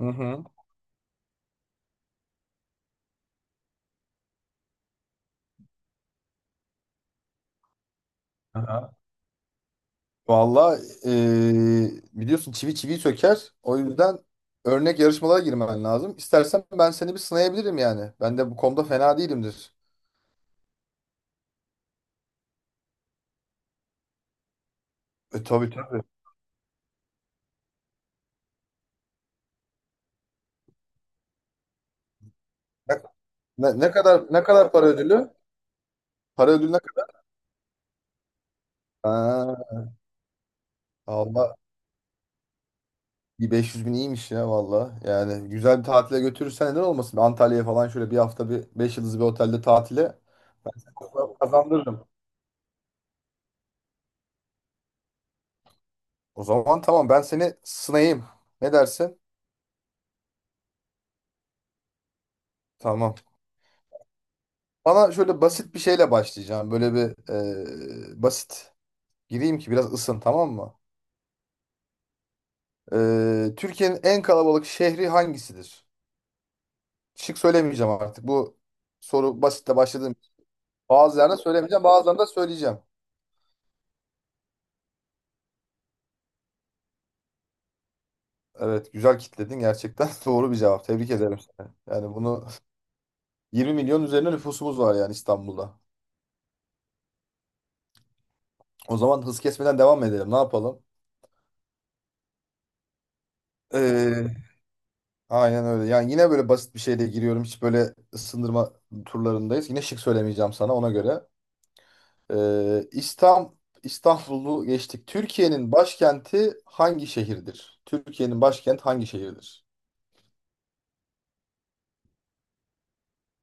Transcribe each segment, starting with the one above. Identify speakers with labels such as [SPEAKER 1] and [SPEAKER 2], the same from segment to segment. [SPEAKER 1] Hı hı. Aha. Valla biliyorsun çivi çiviyi söker. O yüzden örnek yarışmalara girmen lazım. İstersen ben seni bir sınayabilirim yani. Ben de bu konuda fena değilimdir. Tabii tabii. Ne, ne kadar para ödülü? Para ödülü ne kadar? Ha, Allah bir 500 bin iyiymiş ya valla. Yani güzel bir tatile götürürsen neden olmasın? Antalya'ya falan şöyle bir hafta bir 5 yıldızlı bir otelde tatile kazandırırım. O zaman tamam ben seni sınayayım. Ne dersin? Tamam. Bana şöyle basit bir şeyle başlayacağım. Böyle bir basit gireyim ki biraz ısın tamam mı? Türkiye'nin en kalabalık şehri hangisidir? Şık söylemeyeceğim artık. Bu soru basitle başladığım için. Bazılarını söylemeyeceğim, bazılarını da söyleyeceğim. Evet, güzel kitledin gerçekten. Doğru bir cevap. Tebrik ederim seni. Yani bunu 20 milyon üzerine nüfusumuz var yani İstanbul'da. O zaman hız kesmeden devam edelim. Ne yapalım? E, Aynen öyle. Yani yine böyle basit bir şeyle giriyorum. Hiç böyle ısındırma turlarındayız. Yine şık söylemeyeceğim sana ona göre. Ee, İstanbul, İstanbul'u geçtik. Türkiye'nin başkenti hangi şehirdir? Türkiye'nin başkenti hangi şehirdir?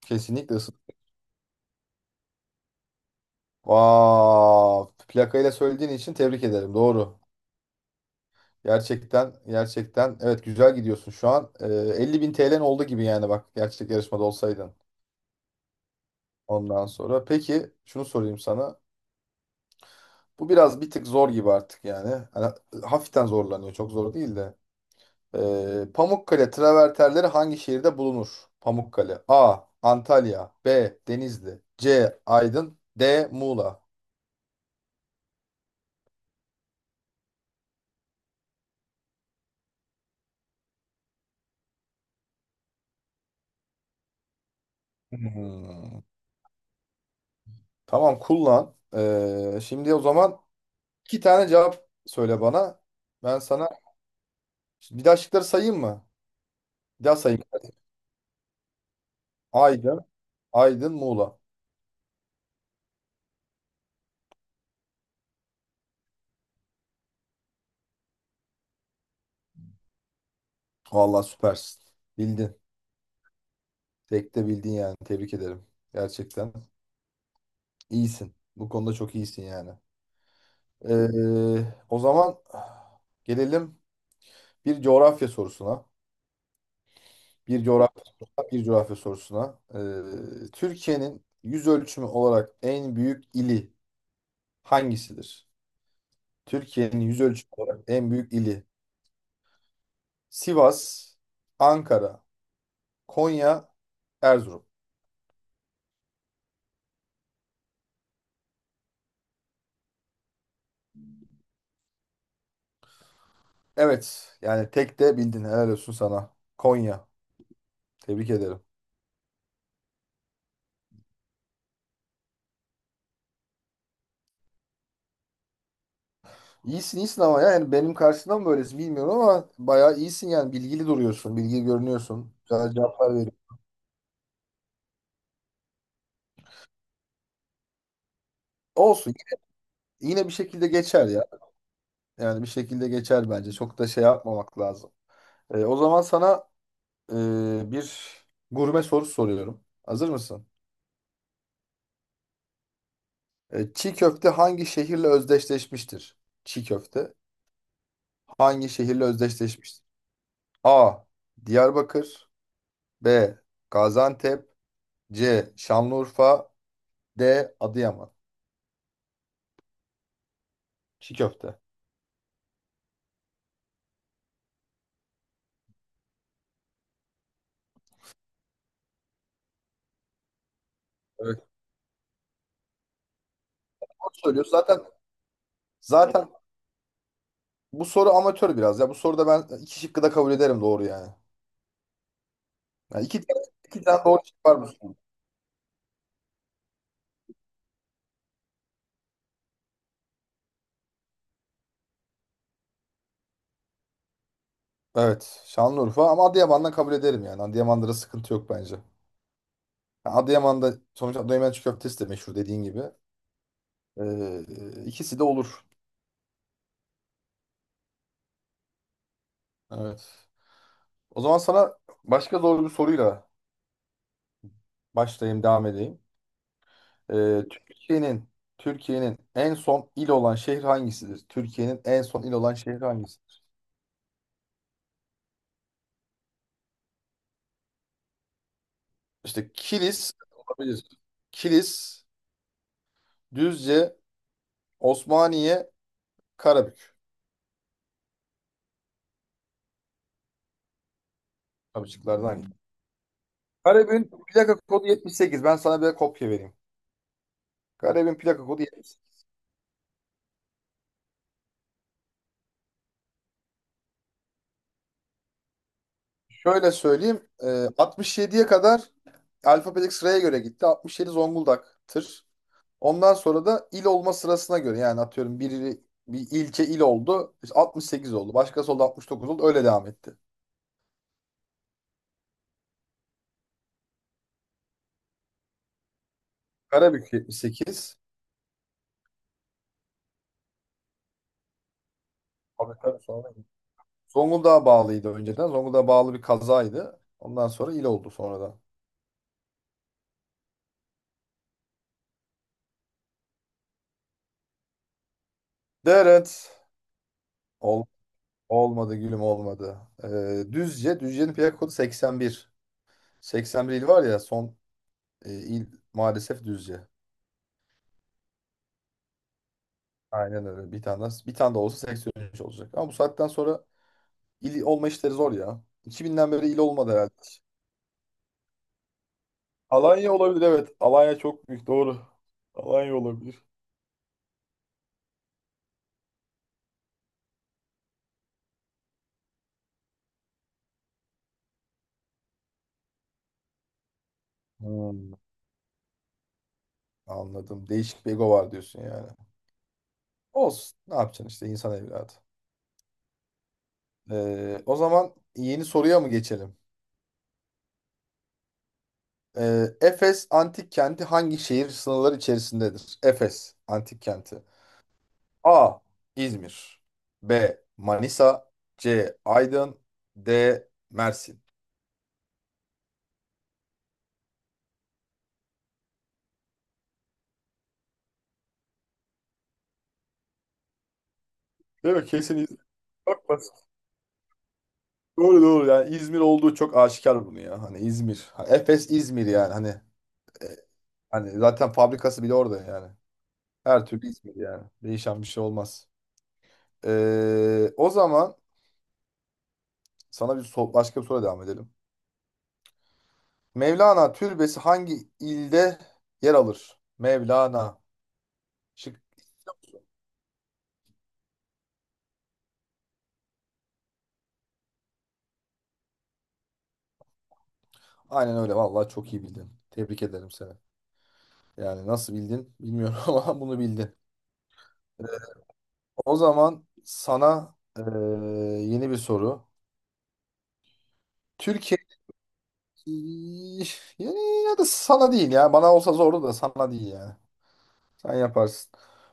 [SPEAKER 1] Kesinlikle ısın. Vav. Plakayla söylediğin için tebrik ederim. Doğru. Gerçekten, gerçekten. Evet güzel gidiyorsun şu an. 50 bin TL'n oldu gibi yani bak. Gerçek yarışmada olsaydın. Ondan sonra. Peki şunu sorayım sana. Bu biraz bir tık zor gibi artık yani. Hani hafiften zorlanıyor. Çok zor değil de. Pamukkale travertenleri hangi şehirde bulunur? Pamukkale. A. Antalya. B. Denizli. C. Aydın. D. Muğla. Hmm. Tamam kullan. Şimdi o zaman iki tane cevap söyle bana. Ben sana bir daha şıkları sayayım mı? Bir daha sayayım. Aydın. Aydın. Muğla. Vallahi süpersin. Bildin. Tek de bildin yani. Tebrik ederim. Gerçekten. İyisin. Bu konuda çok iyisin yani. O zaman gelelim bir coğrafya sorusuna. Bir coğrafya sorusuna, bir coğrafya sorusuna. Türkiye'nin yüz ölçümü olarak en büyük ili hangisidir? Türkiye'nin yüz ölçümü olarak en büyük ili. Sivas, Ankara, Konya, Erzurum. Evet. Yani tek de bildin. Helal olsun sana. Konya. Tebrik ederim. İyisin iyisin ama ya. Yani benim karşımda mı böylesin bilmiyorum ama bayağı iyisin yani. Bilgili duruyorsun. Bilgili görünüyorsun. Güzel cevaplar veriyorsun. Olsun. Yine bir şekilde geçer ya. Yani bir şekilde geçer bence. Çok da şey yapmamak lazım. O zaman sana bir gurme soru soruyorum. Hazır mısın? Çiğ köfte hangi şehirle özdeşleşmiştir? Çiğ köfte hangi şehirle özdeşleşmiştir? A. Diyarbakır. B. Gaziantep. C. Şanlıurfa. D. Adıyaman. Çiğ köfte. Evet. Doğru söylüyorsun. Zaten bu soru amatör biraz. Ya bu soruda ben iki şıkkı da kabul ederim doğru yani. Yani iki tane doğru şık var bu soruda. Evet. Şanlıurfa ama Adıyaman'dan kabul ederim yani. Adıyaman'da da sıkıntı yok bence. Yani Adıyaman'da sonuçta Adıyaman çiğ köftesi de meşhur dediğin gibi. İkisi de olur. Evet. O zaman sana başka zor bir soruyla başlayayım, devam edeyim. Ee, Türkiye'nin Türkiye'nin en son il olan şehir hangisidir? Türkiye'nin en son il olan şehir hangisidir? İşte Kilis olabilir. Kilis, Düzce, Osmaniye, Karabük. Tabii şıklardan hangi? Karabük'ün plaka kodu 78. Ben sana bir kopya vereyim. Karabük'ün plaka kodu 78. Şöyle söyleyeyim. 67'ye kadar alfabetik sıraya göre gitti. 67 Zonguldak'tır. Ondan sonra da il olma sırasına göre. Yani atıyorum biri bir ilçe il oldu. İşte 68 oldu. Başkası oldu 69 oldu. Öyle devam etti. Karabük 78. Tabii tabii sonra. Zonguldak'a bağlıydı önceden. Zonguldak'a bağlı bir kazaydı. Ondan sonra il oldu sonradan. Deret. Ol, Olmadı gülüm olmadı. Düzce. Düzce'nin plaka kodu 81. 81 il var ya son il maalesef Düzce. Aynen öyle. Bir tane daha, bir tane de olsa 83 olacak. Ama bu saatten sonra il olma işleri zor ya. 2000'den beri il olmadı herhalde. Alanya olabilir evet. Alanya çok büyük doğru. Alanya olabilir. Hmm, anladım. Değişik bir ego var diyorsun yani. Olsun. Ne yapacaksın işte insan evladı. O zaman yeni soruya mı geçelim? Efes antik kenti hangi şehir sınırları içerisindedir? Efes antik kenti. A. İzmir. B. Manisa. C. Aydın. D. Mersin. Değil mi? Kesin İzmir. Çok basit. Doğru doğru yani İzmir olduğu çok aşikar bunu ya. Hani İzmir. Ha, Efes İzmir yani hani hani zaten fabrikası bile orada yani. Her türlü İzmir yani. Değişen bir şey olmaz. O zaman sana başka bir soru devam edelim. Mevlana türbesi hangi ilde yer alır? Mevlana. Şık. Aynen öyle. Vallahi çok iyi bildin. Tebrik ederim seni. Yani nasıl bildin bilmiyorum ama bunu bildin. O zaman sana yeni bir soru. Türkiye yani ya da sana değil ya. Bana olsa zordu da sana değil ya. Sen yaparsın.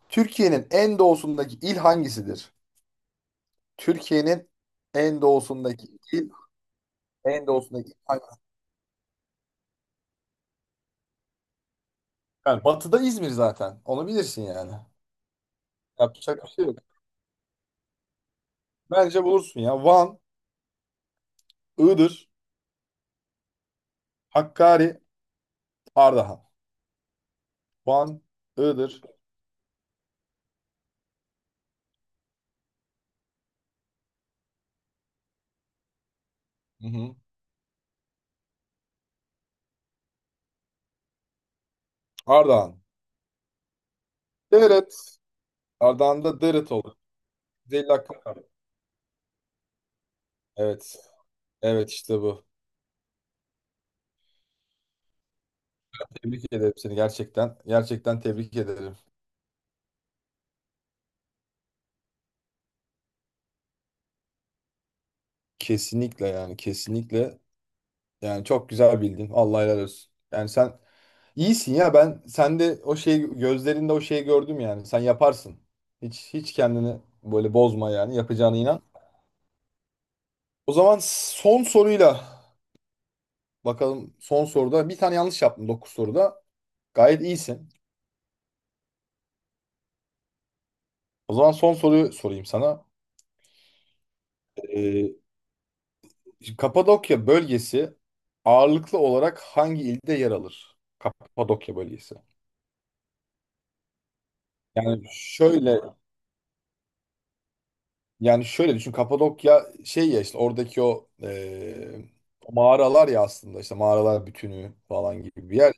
[SPEAKER 1] Türkiye'nin en doğusundaki il hangisidir? Türkiye'nin en doğusundaki il, en doğusundaki il. Yani batıda İzmir zaten. Onu bilirsin yani. Yapacak bir şey yok. Bence bulursun ya. Van, Iğdır, Hakkari, Ardahan. Van, Iğdır, hı hı. Ardahan. Deret. Ardahan'da Deret olur. 50 hakkım var. Evet. Evet işte bu. Tebrik ederim seni gerçekten. Gerçekten tebrik ederim. Kesinlikle yani kesinlikle. Yani çok güzel bildin. Allah helal olsun. Yani sen iyisin ya. Ben sende o şeyi gözlerinde o şeyi gördüm yani. Sen yaparsın. Hiç hiç kendini böyle bozma yani. Yapacağına inan. O zaman son soruyla bakalım son soruda bir tane yanlış yaptım dokuz soruda. Gayet iyisin. O zaman son soruyu sorayım sana. Ee, şimdi Kapadokya bölgesi ağırlıklı olarak hangi ilde yer alır? Kapadokya bölgesi. Yani şöyle düşün Kapadokya şey ya işte oradaki o mağaralar ya aslında işte mağaralar bütünü falan gibi bir yer.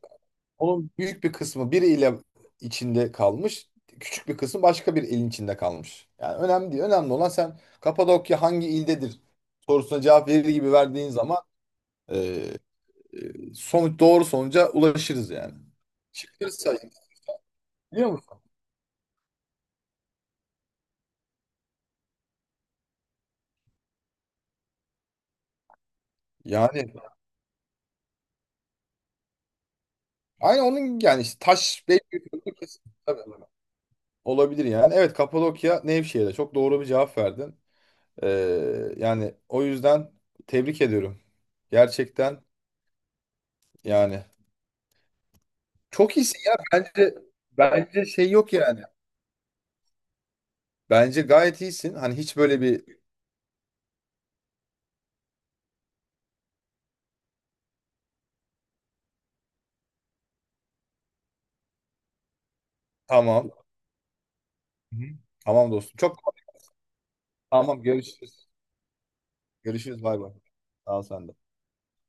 [SPEAKER 1] Onun büyük bir kısmı bir ile içinde kalmış. Küçük bir kısmı başka bir ilin içinde kalmış. Yani önemli değil. Önemli olan sen Kapadokya hangi ildedir sorusuna cevap verir gibi verdiğin zaman eee sonuç doğru sonuca ulaşırız yani. Şıkları sayın. Biliyor musun? Yani aynı onun yani işte taş belki tabii. Olabilir yani. Evet Kapadokya Nevşehir'de çok doğru bir cevap verdin. Ee, yani o yüzden tebrik ediyorum. Gerçekten yani çok iyisin ya. Bence şey yok yani. Bence gayet iyisin. Hani hiç böyle bir tamam. Hı hı. Tamam dostum. Tamam görüşürüz. Görüşürüz bay bay. Sağ ol sen de.